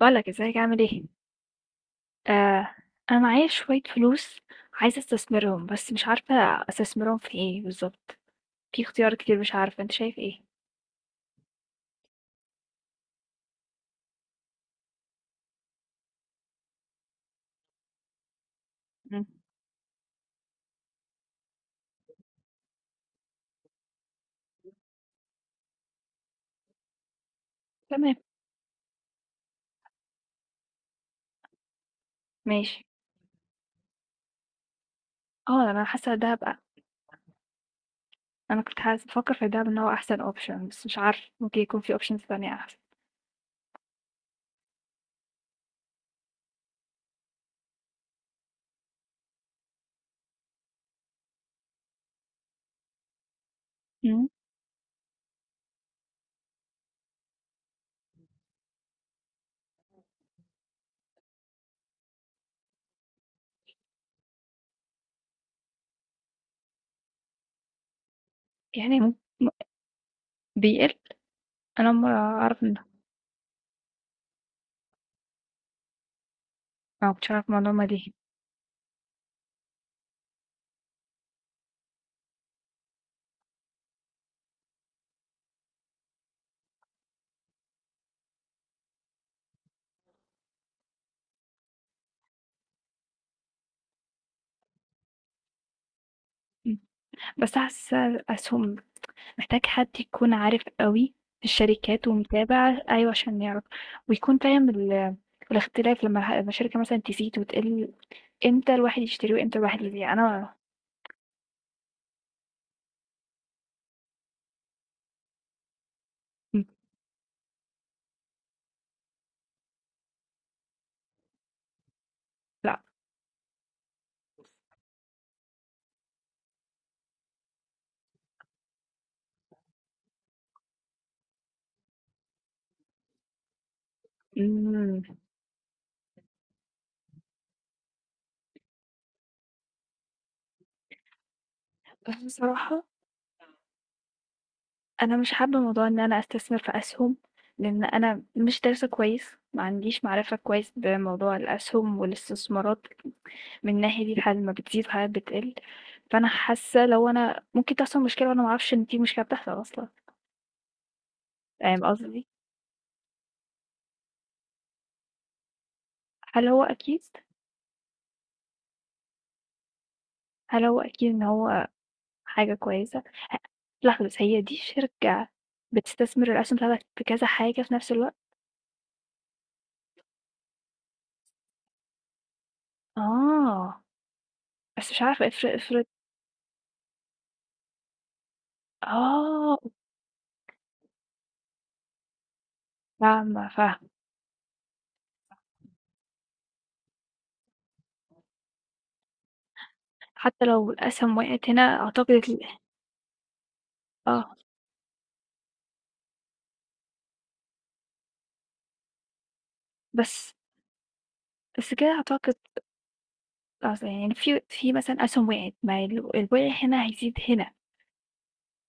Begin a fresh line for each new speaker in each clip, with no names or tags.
بقولك ازيك عامل ايه؟ آه. انا معايا شوية فلوس عايزة استثمرهم بس مش عارفة استثمرهم في ايه بالظبط. في اختيار كتير مش عارفة انت شايف ايه؟ مم. تمام. ماشي. اه. انا كنت حاسة بفكر في الدهب ان هو احسن اوبشن، بس مش عارف ممكن يكون في اوبشنز تانية احسن. مم. يعني مم- بيقل. انا ما اعرف ان آه، ما كنتش أعرف المعلومة دي. مم. بس حاسة الأسهم محتاج حد يكون عارف قوي في الشركات ومتابع، أيوة، عشان يعرف، ويكون فاهم الاختلاف لما لما الشركة مثلا تزيد وتقل، امتى الواحد يشتري وامتى الواحد يبيع. مم. لا. مم. بس بصراحة، أنا مش حابة موضوع إن أنا أستثمر في أسهم، لأن أنا مش دارسة كويس، ما عنديش معرفة كويس بموضوع الأسهم والاستثمارات من الناحية دي. الحالات ما بتزيد وحالات بتقل، فأنا حاسة لو أنا ممكن تحصل مشكلة وأنا معرفش إن في مشكلة بتحصل أصلا. فاهم قصدي؟ هل هو أكيد هل هو أكيد إن هو حاجة كويسة؟ لا خلاص، هي دي شركة بتستثمر الأسهم بتاعتك في كذا حاجة في نفس الوقت. آه. بس مش عارفة، افرض افرض. آه. فاهمة فاهمة. حتى لو الأسهم وقعت هنا أعتقد آه. بس بس كده أعتقد. أصل يعني في مثلا أسهم وقعت، ما الوقع هنا هيزيد هنا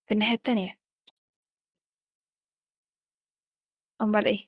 في الناحية التانية. أمال إيه؟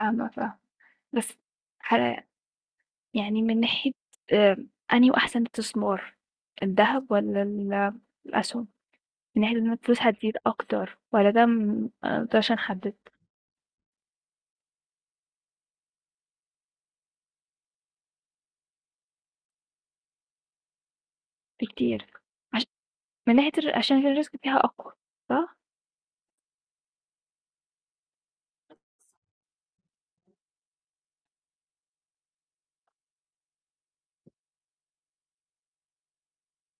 فاهمة، فاهمة. بس. حلا. يعني من ناحية آآ أنهو أحسن استثمار، الدهب والّا الأسهم؟ من ناحية إن الفلوس هتزيد أكتر. والّا ده م ما نقدرش نحدد بكتير. عش من ناحية عشان الrisk فيها أقوى، صح؟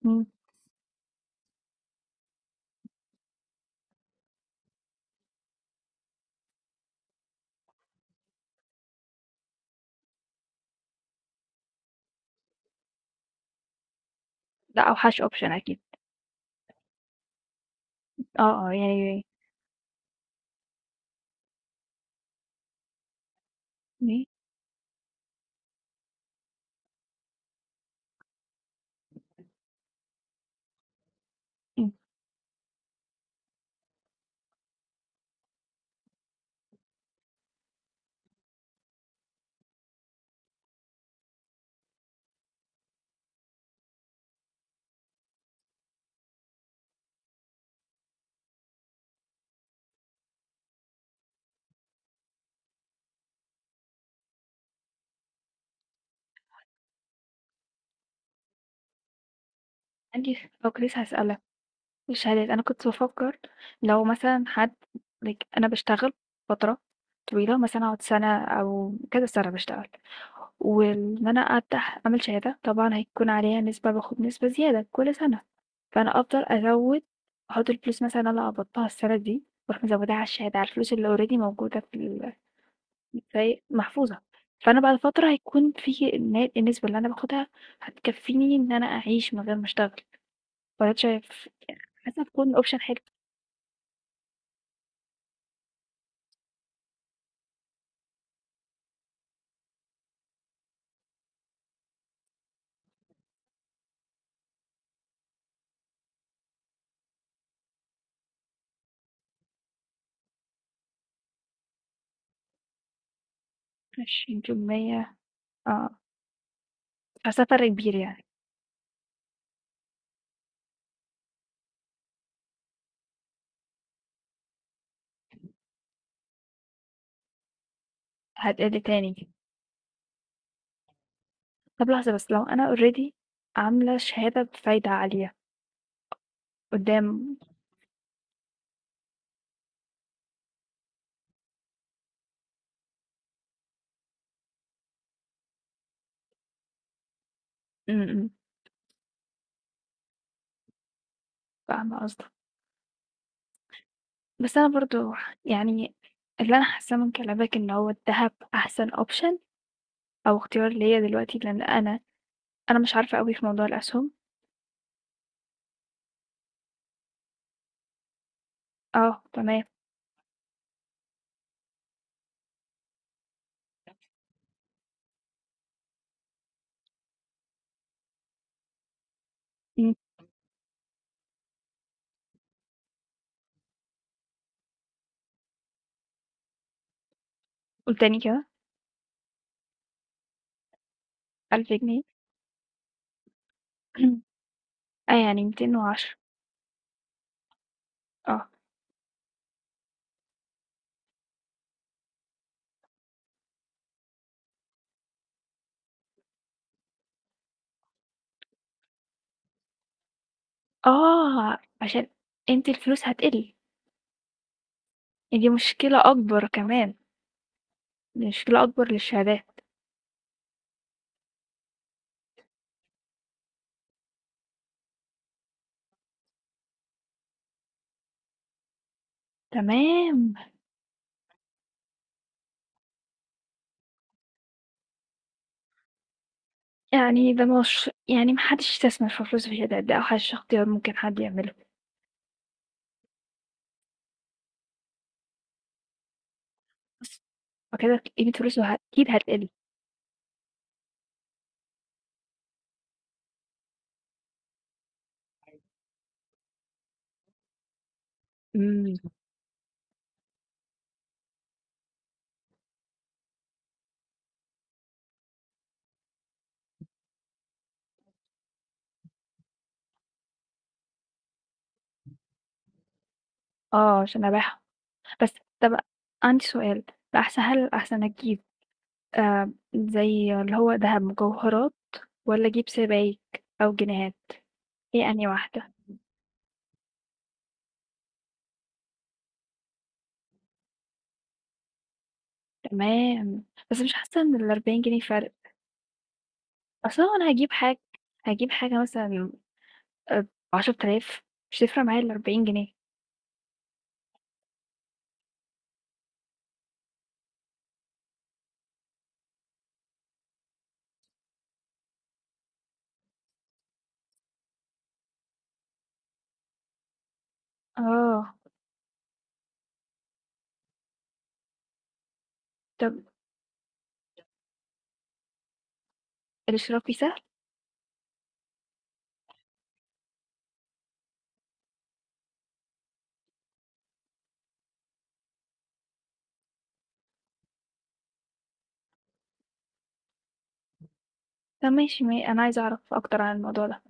إمم، ده أوحش option أكيد. آه، آه، يعني إيه؟ إمم، عندي ف آه كنت لسه هاسألك. الشهادات أنا كنت بافكّر، لو مثلًا حد like أنا باشتغل فترة طويلة، مثلًا أقعد سَنة أو كذا سَنة باشتغل، وإن أنا أفتح أعمل شهادة طبعًا هيكون عليها نسبة، باخد نسبة زيادة كل سَنة، فأنا أفضل أزوّد، أحُط الفلوس مثلًا اللي أنا قبضتها السَنة دي، وأروح مزوّداها على الشهادة، على الفلوس اللي already موجودة في زي محفوظة. فأنا بعد فترة هيكون في النسبة اللي أنا باخدها هتكفّيني إن أنا أعيش من غير ما أشتغل، والّا أنت شايف؟ حاسة هتكون option حلو. 20 يومية. آه، أصل ده فرق كبير يعني. هتقل تاني. طب لحظة، بس لو أنا already عاملة شهادة بفايدة عالية قدام. م- م، فاهمة قصدك. بس أنا برضو يعني، اللي أنا حاساه من كلامك إن هو الذهب أحسن أوبشن، أو اختيار ليا دلوقتي، لأن أنا مش عارفة أوي في موضوع الأسهم. اه تمام. م، قول تاني كده. 1000 جنيه. اه، يعني 210. اه. اه، عشان انت الفلوس هتقل. يعني دي مشكلة أكبر كمان، مشكلة أكبر للشهادات. تمام. يعني ده مش يعني ما حدش يستثمر في فلوسه في الشهادات، ده أوحش اختيار ممكن حد يعمله. بس فكده قيمة فلوسه أكيد هتقل. إمم. عشان أبيعها. بس. طب، عندي سؤال، هل الأحسن أجيب زي اللي هو دهب مجوهرات والّا أجيب سبايك أو جنيهات؟ هي أنهي واحدة؟ تمام. بس مش حاسة إن ال40 جنيه فرق. أصل هو أنا هاجيب حاجة مثلًا آآ ب10.000، مش هتفرق معايا ال40 جنيه. آه، طب الإشراكي سهل؟ طب ماشي، ما أنا عايزة أعرف أكتر عن الموضوع ده.